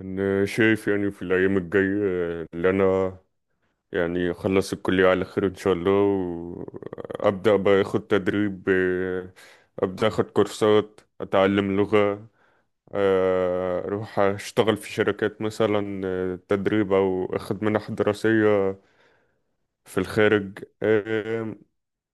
أنا شايف يعني في الأيام الجاية اللي أنا يعني أخلص الكلية على خير إن شاء الله وأبدأ بقى أخد تدريب، أبدأ أخد كورسات أتعلم لغة. أروح أشتغل في شركات مثلا، تدريب أو أخد منح دراسية في الخارج.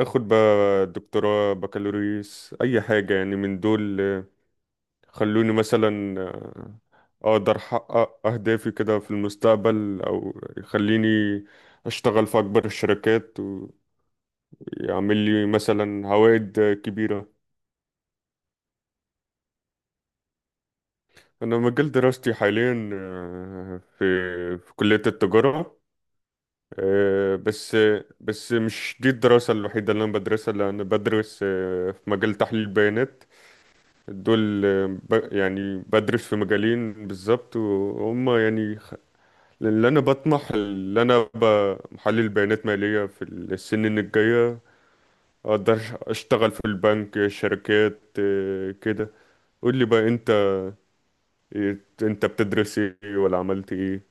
أخد بقى دكتوراه بكالوريوس أي حاجة يعني من دول. خلوني مثلا اقدر احقق اهدافي كده في المستقبل او يخليني اشتغل في اكبر الشركات ويعمل لي مثلا عوائد كبيرة. انا مجال دراستي حاليا في كلية التجارة. آه، بس بس مش دي الدراسة الوحيدة اللي انا بدرسها، لأ، انا بدرس في مجال تحليل البيانات دول. يعني بدرس في مجالين بالظبط وهم يعني لان انا بطمح ان انا ابقى محلل بيانات ماليه في السنين الجايه، اقدر اشتغل في البنك شركات إيه، كده. قول لي بقى انت إيه، انت بتدرس ايه ولا عملت ايه؟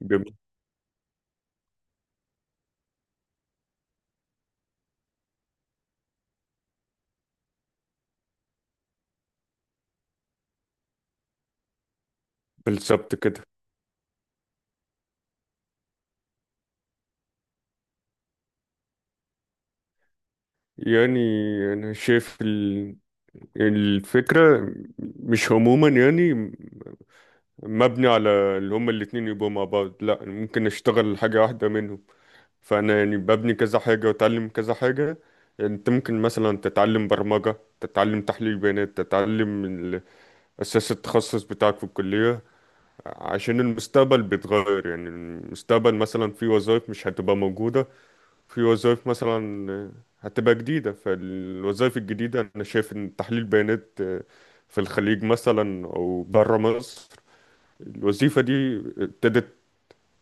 ب- بالظبط كده. يعني انا شايف الفكره مش عموما، يعني مبني على اللي هما الاتنين يبقوا مع بعض، لا ممكن اشتغل حاجه واحده منهم. فانا يعني ببني كذا حاجه واتعلم كذا حاجه، يعني انت ممكن مثلا تتعلم برمجه، تتعلم تحليل بيانات، تتعلم اساس التخصص بتاعك في الكليه. عشان المستقبل بيتغير، يعني المستقبل مثلا في وظائف مش هتبقى موجوده، في وظائف مثلا هتبقى جديده. فالوظائف الجديده انا شايف ان تحليل بيانات في الخليج مثلا او بره مصر، الوظيفه دي ابتدت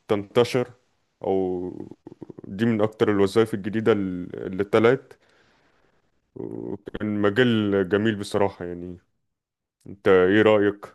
تنتشر. او دي من اكتر الوظائف الجديدة اللي طلعت، وكان مجال جميل بصراحة. يعني انت ايه رأيك؟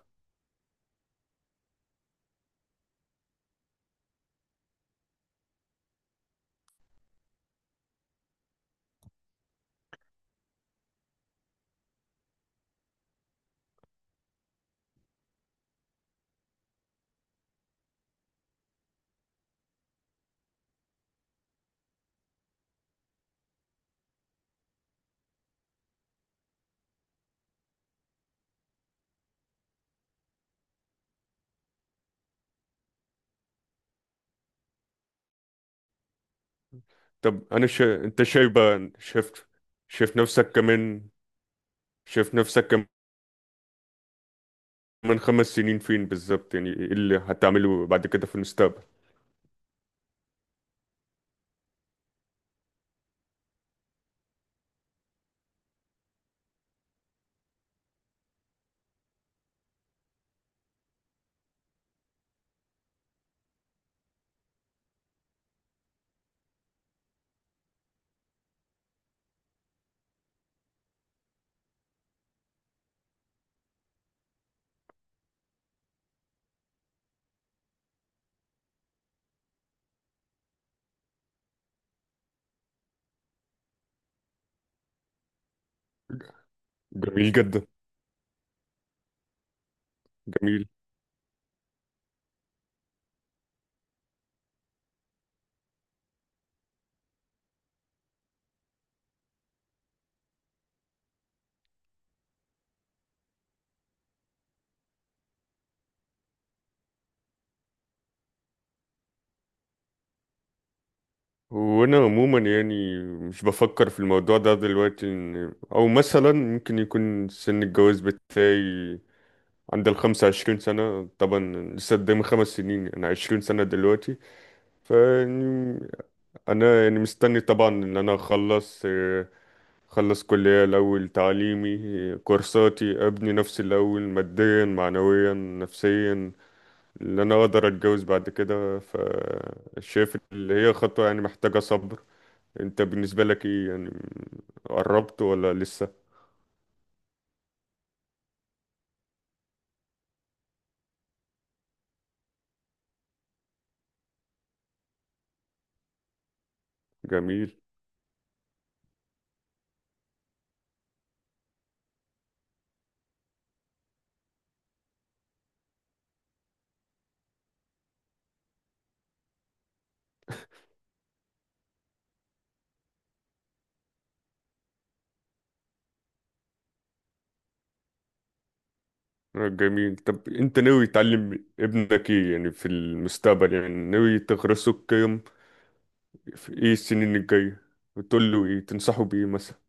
طب انت شايف بقى، شايف نفسك كمان شايف نفسك كمان 5 سنين فين بالظبط؟ يعني ايه اللي هتعمله بعد كده في المستقبل؟ جميل جدا. جميل. وانا عموما يعني مش بفكر في الموضوع ده دلوقتي، او مثلا ممكن يكون سن الجواز بتاعي عند ال 25 سنة طبعا، لسه قدامي 5 سنين، أنا 20 سنة دلوقتي. فيعني أنا يعني مستني طبعا إن أنا أخلص، أخلص كلية الأول تعليمي، كورساتي، أبني نفسي الأول ماديا معنويا نفسيا إن أنا أقدر أتجوز بعد كده. فشايف اللي هي خطوة يعني محتاجة صبر. أنت بالنسبة لك إيه يعني؟ قربت ولا لسه؟ جميل. جميل. طب انت ناوي تعلم ابنك ايه يعني في المستقبل؟ يعني ناوي تغرسه القيم في ايه السنين الجاية، وتقول له ايه؟ تنصحه بايه مثلا؟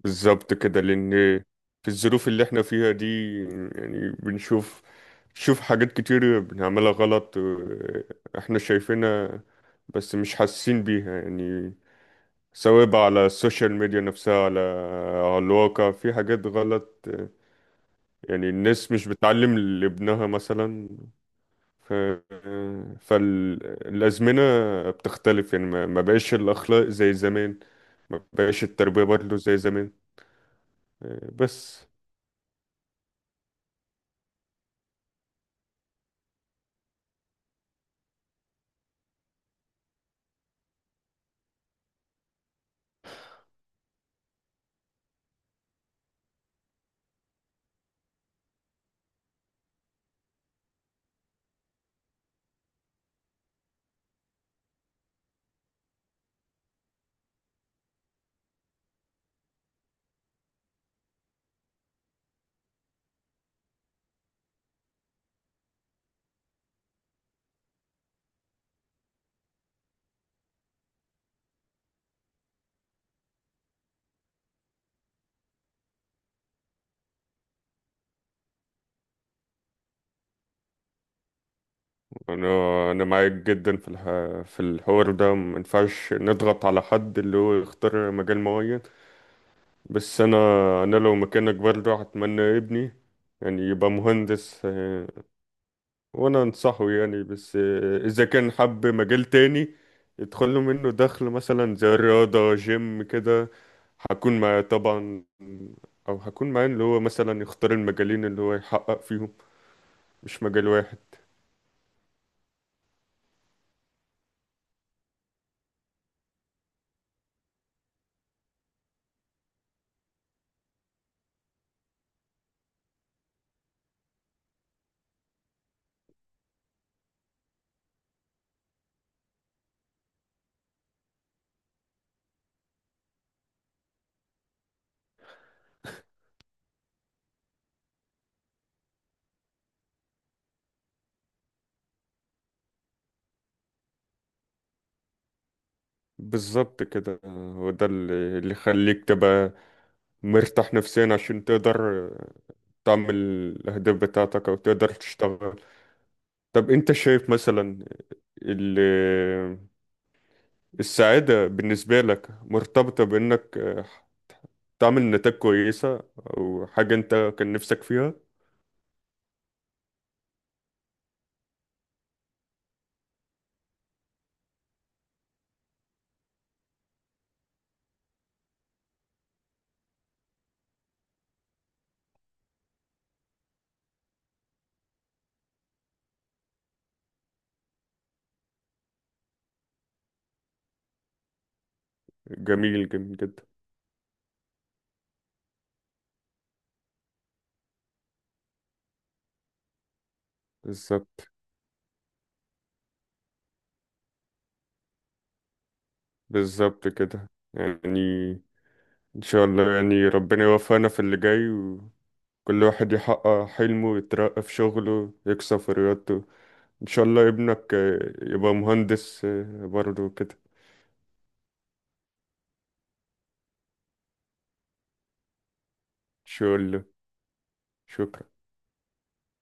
بالظبط كده، لان في الظروف اللي احنا فيها دي، يعني بنشوف حاجات كتير بنعملها غلط. اه، احنا شايفينها بس مش حاسين بيها، يعني سواء بقى على السوشيال ميديا نفسها، على الواقع في حاجات غلط. اه، يعني الناس مش بتعلم لابنها مثلا. ف... فالأزمنة بتختلف، يعني ما بقاش الأخلاق زي زمان، ما بقاش التربية برضه زي زمان. بس أنا أنا معاك جدا في في الحوار ده. ما ينفعش نضغط على حد اللي هو يختار مجال معين. بس أنا لو مكانك برضه هتمنى ابني يعني يبقى مهندس. وانا انصحه يعني بس، اذا كان حب مجال تاني يدخل له منه دخل مثلا زي الرياضة جيم كده، هكون معاه طبعا. او هكون معاه اللي هو مثلا يختار المجالين اللي هو يحقق فيهم، مش مجال واحد. بالظبط كده. هو ده اللي يخليك تبقى مرتاح نفسيا عشان تقدر تعمل الأهداف بتاعتك أو تقدر تشتغل. طب أنت شايف مثلا ال- السعادة بالنسبة لك مرتبطة بإنك، تعمل نتائج كويسة أو حاجة أنت كان نفسك فيها؟ جميل. جميل جدا. بالظبط بالظبط كده يعني إن شاء الله، يعني ربنا يوفقنا في اللي جاي وكل واحد يحقق حلمه، يترقى في شغله، يكسب في رياضته. إن شاء الله ابنك يبقى مهندس برضه كده. إن شاء الله. شكرا.